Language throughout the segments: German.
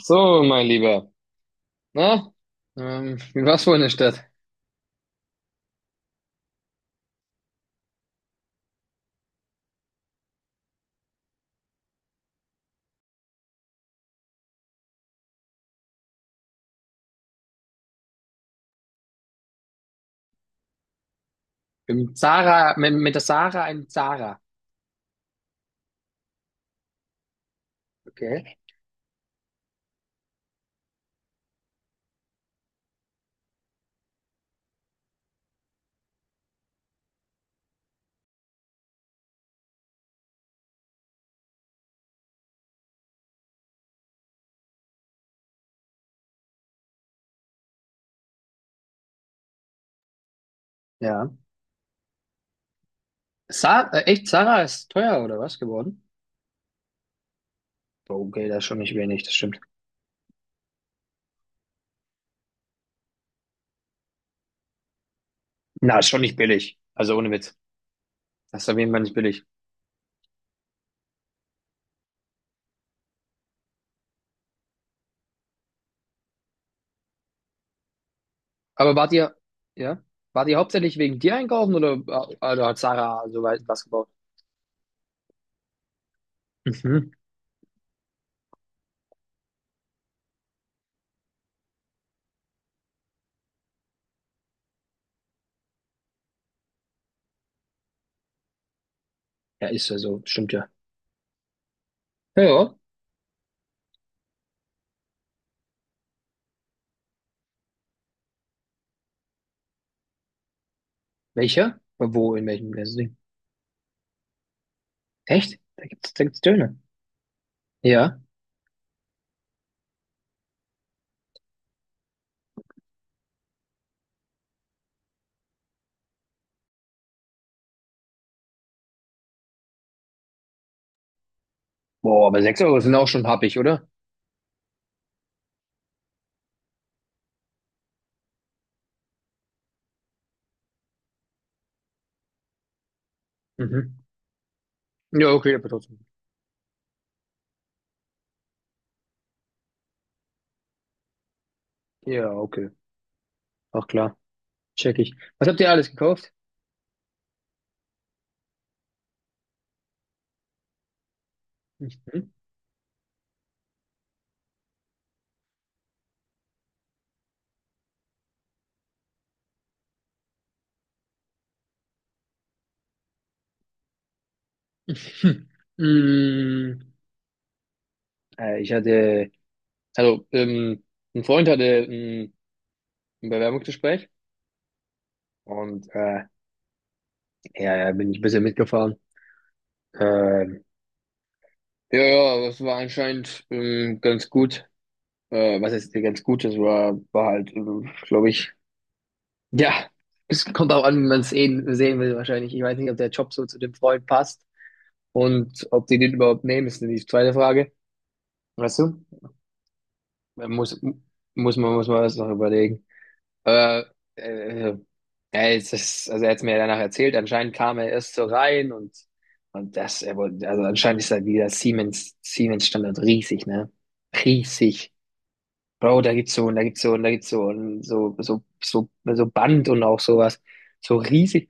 So, mein Lieber. Na, wie war's wohl in der Stadt? Mit Zara, mit der Sarah in Zara. Okay. Ja. Sa Echt, Zara ist teuer oder was geworden? Okay, das ist schon nicht wenig, das stimmt. Na, ist schon nicht billig. Also ohne Witz. Das ist auf jeden Fall nicht billig. Aber wart ihr, ja? Wart ihr hauptsächlich wegen dir einkaufen oder, also hat Sarah so weit was gebaut? Mhm. Ja, ist ja so, stimmt ja. Ja, ja. Welcher? Wo, in welchem Ding? Echt? Da gibt's Döner. Ja. Boah, aber 6 Euro sind auch schon happig, oder? Mhm. Ja, okay, aber trotzdem. Ja, okay. Ach klar, check ich. Was habt ihr alles gekauft? Mhm. Hm. Mm, Ich hatte, also ein Freund hatte ein Bewerbungsgespräch und ja, ja, bin ich ein bisschen mitgefahren. Ähm, ja, ja, aber es war anscheinend ganz gut. Was ist ganz gut? Das war halt, glaube ich, ja, es kommt auch an, wie man es sehen will wahrscheinlich. Ich weiß nicht, ob der Job so zu dem Freund passt und ob die den überhaupt nehmen, ist die zweite Frage. Weißt du? Man Muss, muss man das noch überlegen. Äh, äh, also er hat es mir ja danach erzählt, anscheinend kam er erst so rein und das, er wollte, also anscheinend ist da wieder Siemens-Standard riesig, ne? Riesig. Bro, da gibt's so und da gibt's so und da gibt's so und so, so, so, so Band und auch sowas. So riesig.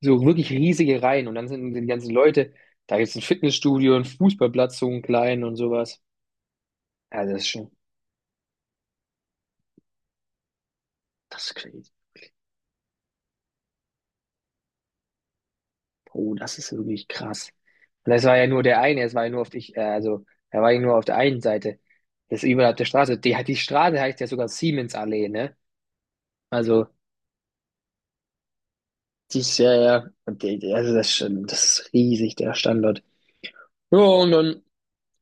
So wirklich riesige Reihen und dann sind die ganzen Leute, da gibt's ein Fitnessstudio, einen Fußballplatz, so einen kleinen und sowas. Ja, das ist schon, das ist crazy. Oh, das ist wirklich krass. Und das war ja nur der eine, es war ja nur also, er war ja nur auf der einen Seite. Das ist überall auf der Straße. Die Straße heißt ja sogar Siemensallee, ne? Also, die ist ja, ja, und also das ist schon, das ist riesig, der Standort. Ja, und dann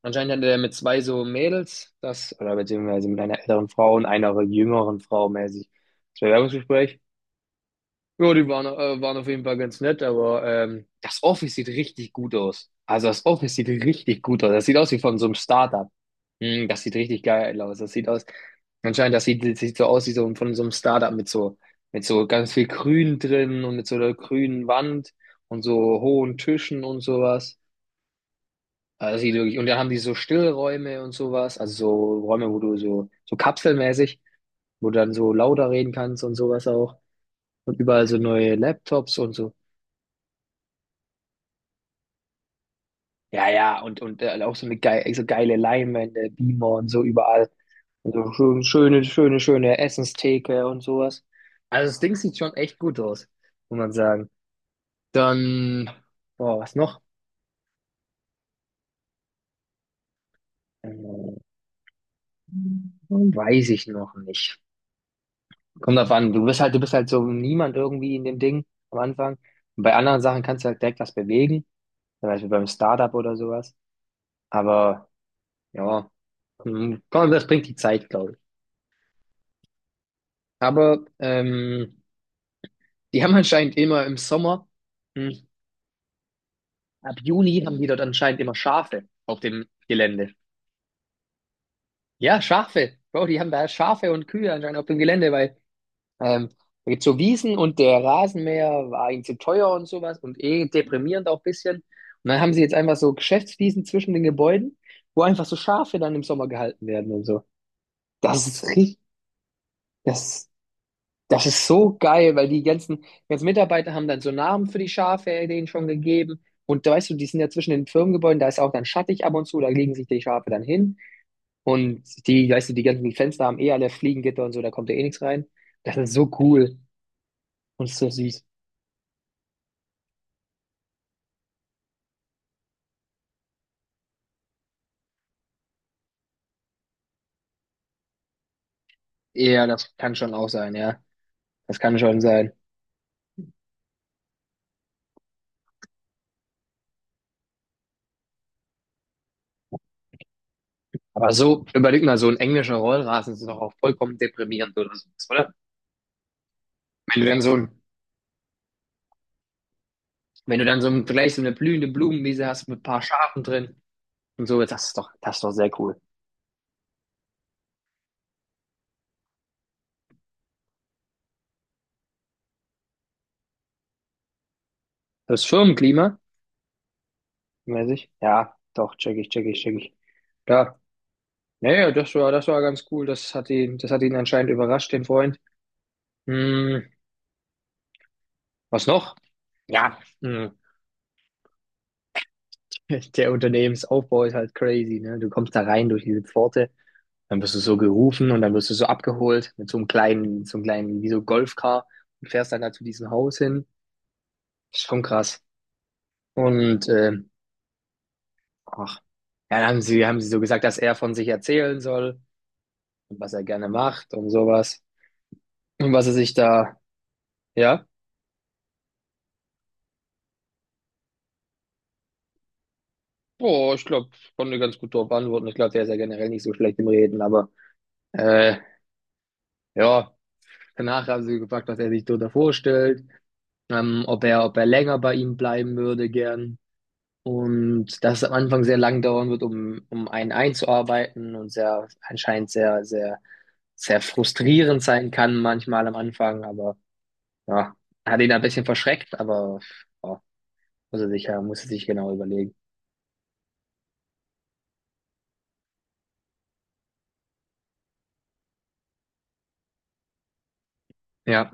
anscheinend hatte er mit zwei so Mädels das, oder beziehungsweise mit einer älteren Frau und einer jüngeren Frau mäßig das Bewerbungsgespräch. Ja, die waren auf jeden Fall ganz nett, aber das Office sieht richtig gut aus. Also das Office sieht richtig gut aus. Das sieht aus wie von so einem Startup. Das sieht richtig geil aus. Das sieht aus, anscheinend, das sieht so aus wie so von so einem Startup mit so ganz viel Grün drin und mit so einer grünen Wand und so hohen Tischen und sowas. Also das sieht wirklich, und dann haben die so Stillräume und sowas, also so Räume, wo du so kapselmäßig, wo du dann so lauter reden kannst und sowas auch. Und überall so neue Laptops und so. Ja, ja, auch so eine geile, so geile Leinwände, Beamer und so überall. Und so schön, schöne, schöne, schöne Essenstheke und sowas. Also das Ding sieht schon echt gut aus, muss man sagen. Dann, boah, was noch? Äh, Weiß ich noch nicht. Kommt drauf an, du bist halt so niemand irgendwie in dem Ding am Anfang. Und bei anderen Sachen kannst du halt direkt was bewegen, zum Beispiel beim Startup oder sowas. Aber ja, komm, das bringt die Zeit, glaube ich. Aber die haben anscheinend immer im Sommer, hm, ab Juni haben die dort anscheinend immer Schafe auf dem Gelände. Ja, Schafe. Bro, die haben da Schafe und Kühe anscheinend auf dem Gelände, weil Ähm, da gibt's so Wiesen und der Rasenmäher war ihnen zu teuer und sowas und eh deprimierend auch ein bisschen. Und dann haben sie jetzt einfach so Geschäftswiesen zwischen den Gebäuden, wo einfach so Schafe dann im Sommer gehalten werden und so. Das ist richtig, das, das ist so geil, weil die ganzen, ganzen Mitarbeiter haben dann so Namen für die Schafe denen schon gegeben. Und da weißt du, die sind ja zwischen den Firmengebäuden, da ist auch dann schattig ab und zu, da legen sich die Schafe dann hin. Und die, weißt du, die ganzen Fenster haben eh alle Fliegengitter und so, da kommt ja eh nichts rein. Das ist so cool und so süß. Ja, das kann schon auch sein, ja. Das kann schon sein. Aber so, überleg mal, so ein englischer Rollrasen ist doch auch vollkommen deprimierend oder so, oder? Wenn du dann so ein, Wenn du dann gleich so eine blühende Blumenwiese hast mit ein paar Schafen drin und so, das ist doch sehr cool. Das Firmenklima, mäßig, ja, doch, check ich, check ich, check ich. Da, naja, das war ganz cool. Das hat ihn anscheinend überrascht, den Freund. Hm, Was noch? Ja, der Unternehmensaufbau ist halt crazy, ne? Du kommst da rein durch diese Pforte. Dann wirst du so gerufen und dann wirst du so abgeholt mit so einem kleinen, wie so Golfcar und fährst dann da zu diesem Haus hin. Ist schon krass. Und ach, ja, dann haben sie so gesagt, dass er von sich erzählen soll und was er gerne macht und sowas. Und was er sich da, ja, boah, ich glaube, ich konnte ganz gut darauf antworten. Ich glaube, der ist ja generell nicht so schlecht im Reden, aber äh, ja, danach haben sie gefragt, was er sich darunter vorstellt, ob er länger bei ihm bleiben würde, gern. Und dass es am Anfang sehr lang dauern wird, um einen einzuarbeiten und sehr, anscheinend sehr, sehr, sehr frustrierend sein kann manchmal am Anfang, aber ja, hat ihn ein bisschen verschreckt, aber ja, muss er sich genau überlegen. Ja.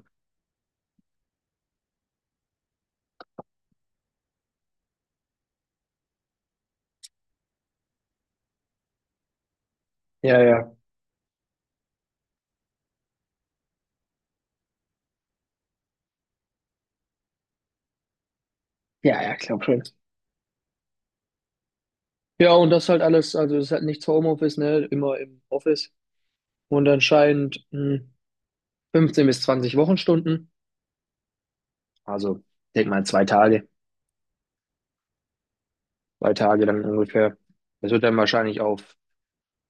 Ja, ja. Ja, ja, glaub schon. Ja, und das halt alles, also das ist halt nichts für Homeoffice, ne? Immer im Office. Und anscheinend 15 bis 20 Wochenstunden. Also, denk mal 2 Tage, 2 Tage dann ungefähr. Das wird dann wahrscheinlich auf,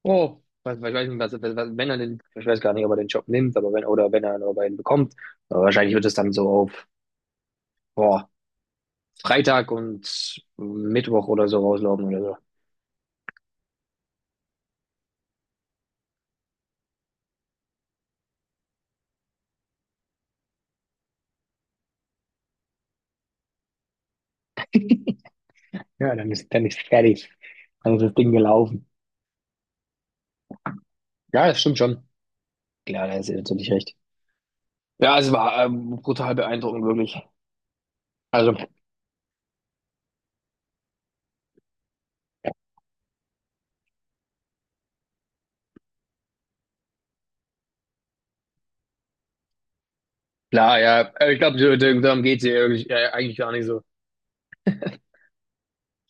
oh, was, ich weiß nicht, was, wenn er den, ich weiß gar nicht, ob er den Job nimmt, aber wenn, oder wenn er nur einen bekommt, aber wahrscheinlich wird es dann so auf, boah, Freitag und Mittwoch oder so rauslaufen oder so. Ja, dann ist fertig. Dann ist das Ding gelaufen. Ja, das stimmt schon. Klar, da ist er natürlich recht. Ja, es war brutal beeindruckend, wirklich. Also, klar, ja, also, ich glaube, darum geht's hier irgendwie, eigentlich gar nicht so.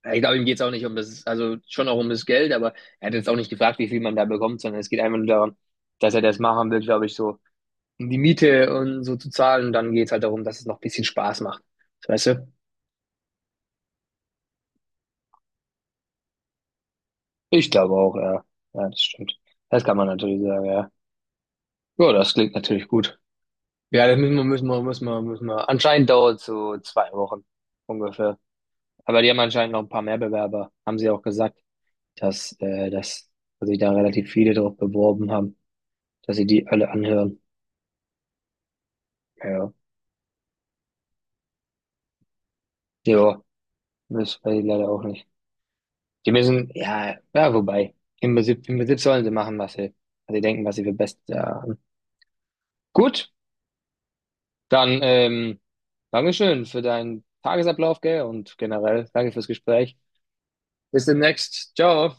Ja, ich glaube, ihm geht es auch nicht um das, also schon auch um das Geld, aber er hat jetzt auch nicht gefragt, wie viel man da bekommt, sondern es geht einfach nur darum, dass er das machen will, glaube ich, so, um die Miete und so zu zahlen. Und dann geht es halt darum, dass es noch ein bisschen Spaß macht. Weißt du? Ich glaube auch, ja. Ja, das stimmt. Das kann man natürlich sagen, ja. Ja, das klingt natürlich gut. Ja, das müssen wir. Anscheinend dauert es so 2 Wochen ungefähr. Aber die haben anscheinend noch ein paar mehr Bewerber, haben sie auch gesagt, dass sich da relativ viele drauf beworben haben, dass sie die alle anhören. Ja. Ja, das weiß ich leider auch nicht. Die müssen, ja, ja, wobei. Im Prinzip sollen sie machen, was sie denken, was sie für best haben. Gut, dann Dankeschön für deinen Tagesablauf, gell? Und generell danke fürs Gespräch. Bis demnächst. Ciao.